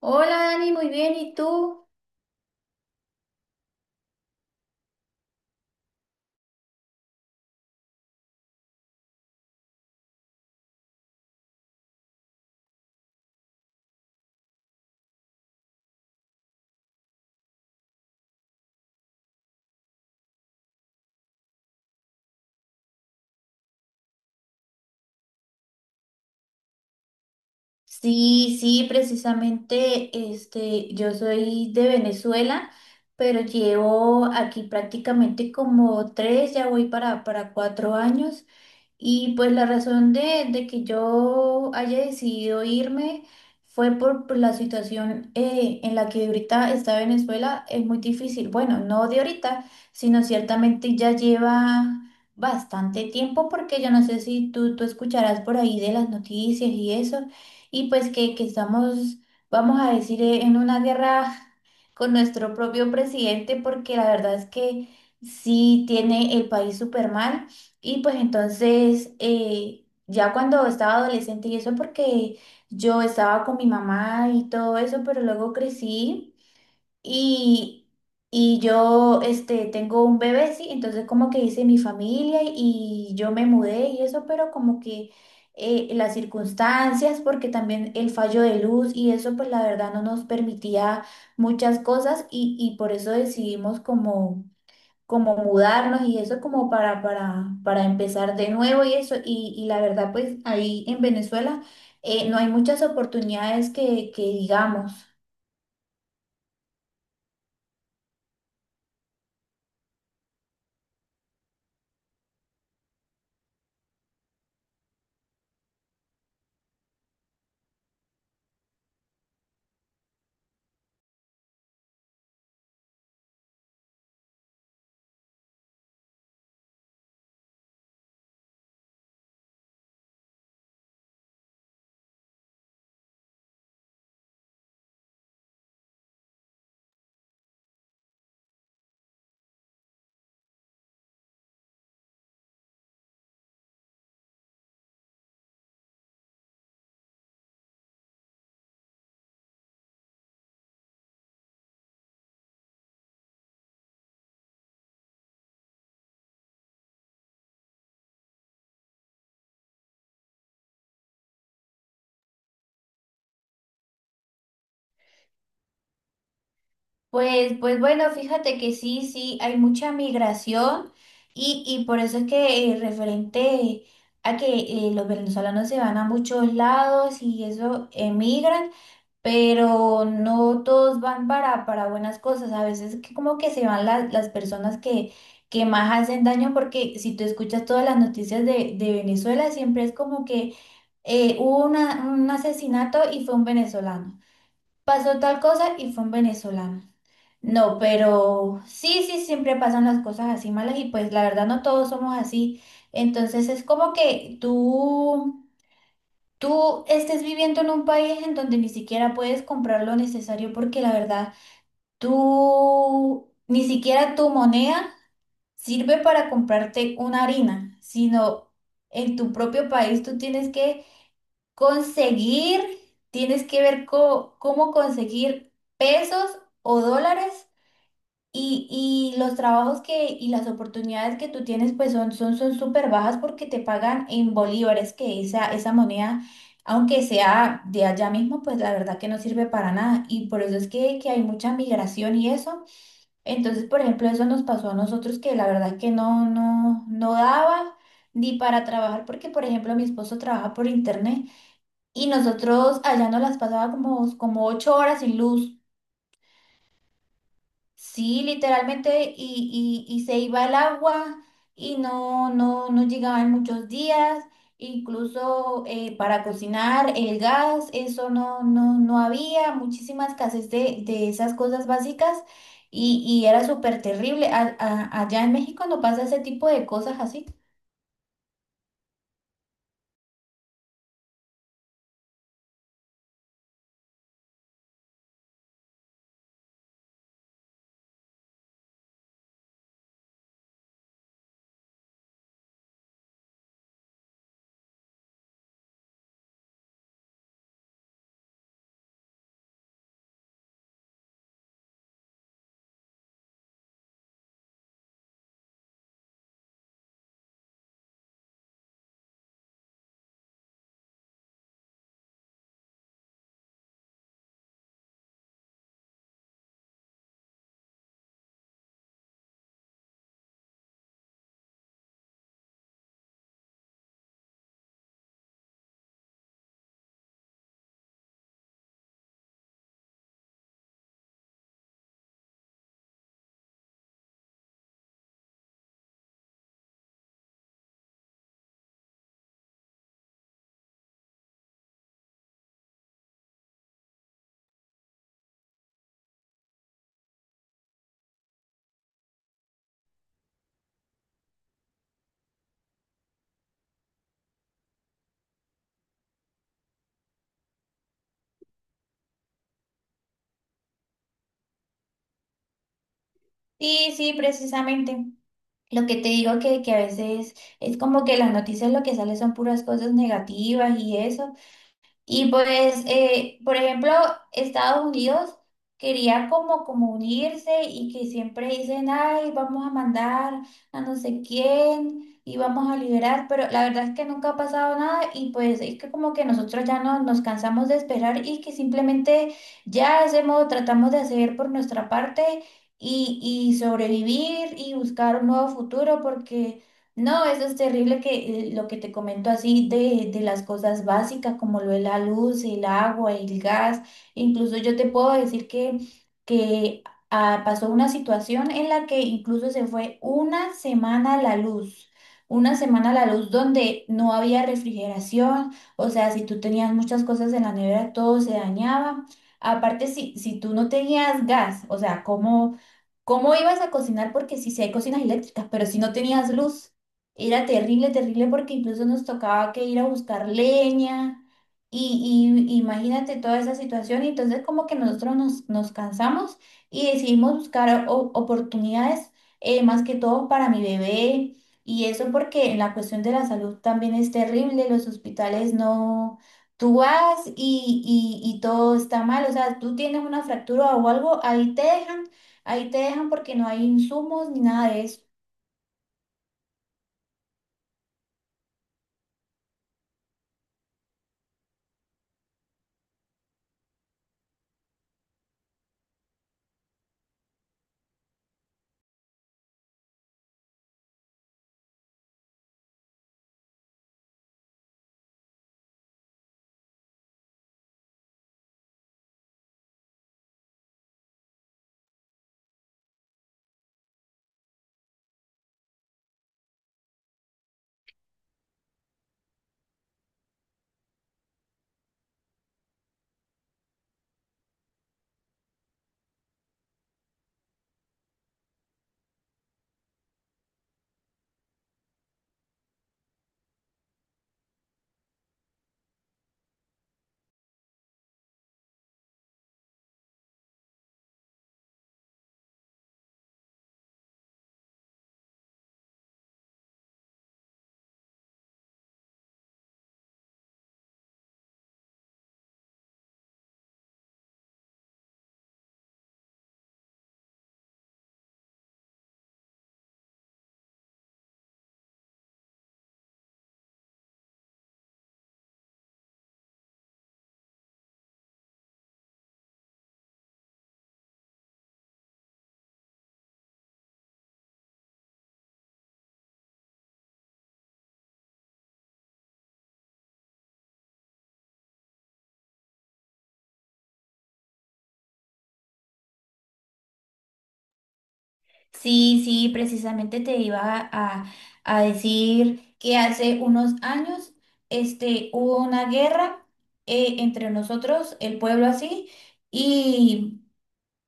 Hola Dani, muy bien, ¿y tú? Sí, sí, precisamente, yo soy de Venezuela, pero llevo aquí prácticamente como tres, ya voy para 4 años. Y pues la razón de que yo haya decidido irme fue por la situación en la que ahorita está Venezuela, es muy difícil. Bueno, no de ahorita, sino ciertamente ya lleva bastante tiempo porque yo no sé si tú escucharás por ahí de las noticias y eso, y pues que estamos, vamos a decir, en una guerra con nuestro propio presidente porque la verdad es que sí tiene el país súper mal. Y pues entonces, ya cuando estaba adolescente, y eso porque yo estaba con mi mamá y todo eso, pero luego crecí y, y yo tengo un bebé, sí, entonces como que hice mi familia y yo me mudé y eso, pero como que las circunstancias, porque también el fallo de luz y eso, pues la verdad no nos permitía muchas cosas y por eso decidimos como mudarnos y eso como para empezar de nuevo y eso. Y la verdad, pues ahí en Venezuela no hay muchas oportunidades que digamos. Pues, pues bueno, fíjate que sí, sí, hay mucha migración y por eso es que referente a que los venezolanos se van a muchos lados y eso emigran. Pero no todos van para buenas cosas. A veces que como que se van las personas que más hacen daño, porque si tú escuchas todas las noticias de Venezuela, siempre es como que un asesinato y fue un venezolano. Pasó tal cosa y fue un venezolano. No, pero sí, sí, siempre pasan las cosas así malas y pues la verdad no todos somos así. Entonces es como que tú estés viviendo en un país en donde ni siquiera puedes comprar lo necesario porque la verdad, tú ni siquiera tu moneda sirve para comprarte una harina, sino en tu propio país tú tienes que conseguir, tienes que ver cómo conseguir pesos o dólares y, y los trabajos que y las oportunidades que tú tienes pues son son súper bajas porque te pagan en bolívares, que esa moneda, aunque sea de allá mismo, pues la verdad que no sirve para nada y por eso es que hay mucha migración y eso. Entonces, por ejemplo, eso nos pasó a nosotros que la verdad que no daba ni para trabajar porque, por ejemplo, mi esposo trabaja por internet y nosotros allá nos las pasaba como 8 horas sin luz. Sí, literalmente, y se iba el agua y no llegaba en muchos días, incluso para cocinar el gas, eso no había, muchísima escasez de esas cosas básicas y era súper terrible. Allá en México no pasa ese tipo de cosas así. Sí, sí, precisamente. Lo que te digo que a veces es como que las noticias lo que sale son puras cosas negativas y eso. Y pues, por ejemplo, Estados Unidos quería como unirse y que siempre dicen, ay, vamos a mandar a no sé quién y vamos a liberar, pero la verdad es que nunca ha pasado nada y pues es que como que nosotros ya no, nos cansamos de esperar y que simplemente ya hacemos, tratamos de hacer por nuestra parte y sobrevivir y buscar un nuevo futuro porque no, eso es terrible que lo que te comento así de las cosas básicas como lo de la luz, el agua, el gas. Incluso yo te puedo decir que pasó una situación en la que incluso se fue una semana la luz. Una semana la luz donde no había refrigeración. O sea, si tú tenías muchas cosas en la nevera, todo se dañaba. Aparte, si tú no tenías gas, o sea, ¿cómo? ¿Cómo ibas a cocinar? Porque sí, sí hay cocinas eléctricas, pero si no tenías luz, era terrible, terrible, porque incluso nos tocaba que ir a buscar leña y imagínate toda esa situación. Y entonces como que nosotros nos cansamos y decidimos buscar oportunidades, más que todo para mi bebé. Y eso porque en la cuestión de la salud también es terrible, los hospitales no... Tú vas y todo está mal, o sea, tú tienes una fractura o algo, ahí te dejan. Ahí te dejan porque no hay insumos ni nada de eso. Sí, sí, precisamente te iba a, a decir que hace unos años hubo una guerra entre nosotros, el pueblo así, y,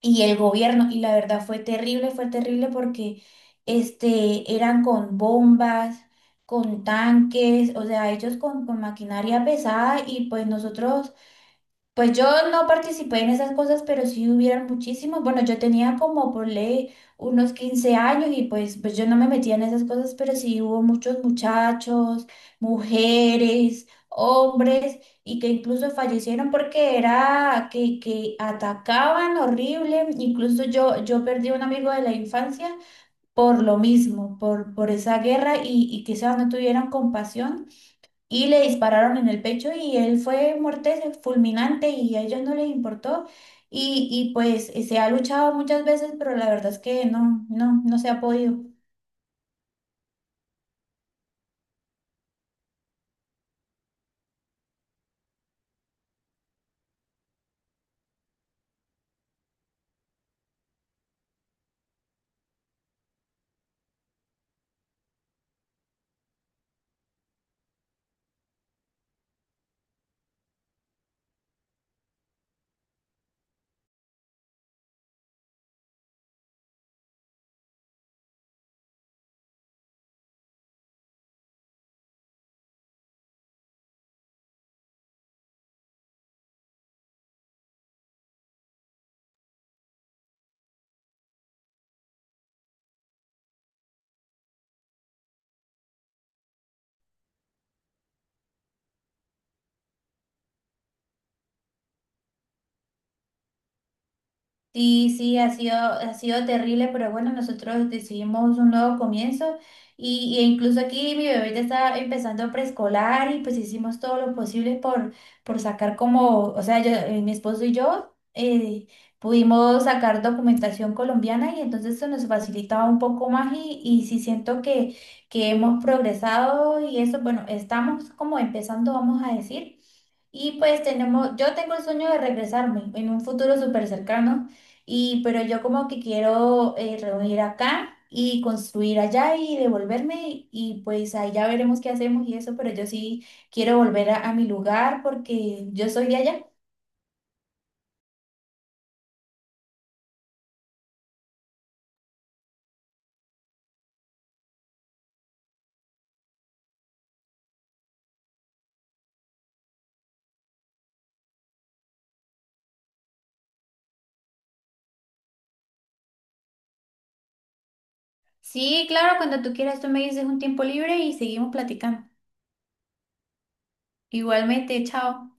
y el gobierno. Y la verdad fue terrible porque eran con bombas, con tanques, o sea, ellos con maquinaria pesada y pues nosotros. Pues yo no participé en esas cosas, pero sí hubieron muchísimos. Bueno, yo tenía como por ley unos 15 años y pues, pues yo no me metía en esas cosas, pero sí hubo muchos muchachos, mujeres, hombres y que incluso fallecieron porque era que atacaban horrible. Incluso yo perdí un amigo de la infancia por lo mismo, por esa guerra y quizás no tuvieran compasión y le dispararon en el pecho y él fue muerte fulminante y a ellos no les importó. Y pues se ha luchado muchas veces, pero la verdad es que no se ha podido. Sí, sí, ha sido terrible, pero bueno, nosotros decidimos un nuevo comienzo y incluso aquí mi bebé ya está empezando preescolar y pues hicimos todo lo posible por sacar como, o sea, yo, mi esposo y yo pudimos sacar documentación colombiana y entonces eso nos facilitaba un poco más y sí siento que hemos progresado y eso, bueno, estamos como empezando, vamos a decir. Y pues tenemos, yo tengo el sueño de regresarme en un futuro súper cercano y, pero yo como que quiero reunir acá y construir allá y devolverme y pues ahí ya veremos qué hacemos y eso, pero yo sí quiero volver a mi lugar porque yo soy de allá. Sí, claro, cuando tú quieras, tú me dices un tiempo libre y seguimos platicando. Igualmente, chao.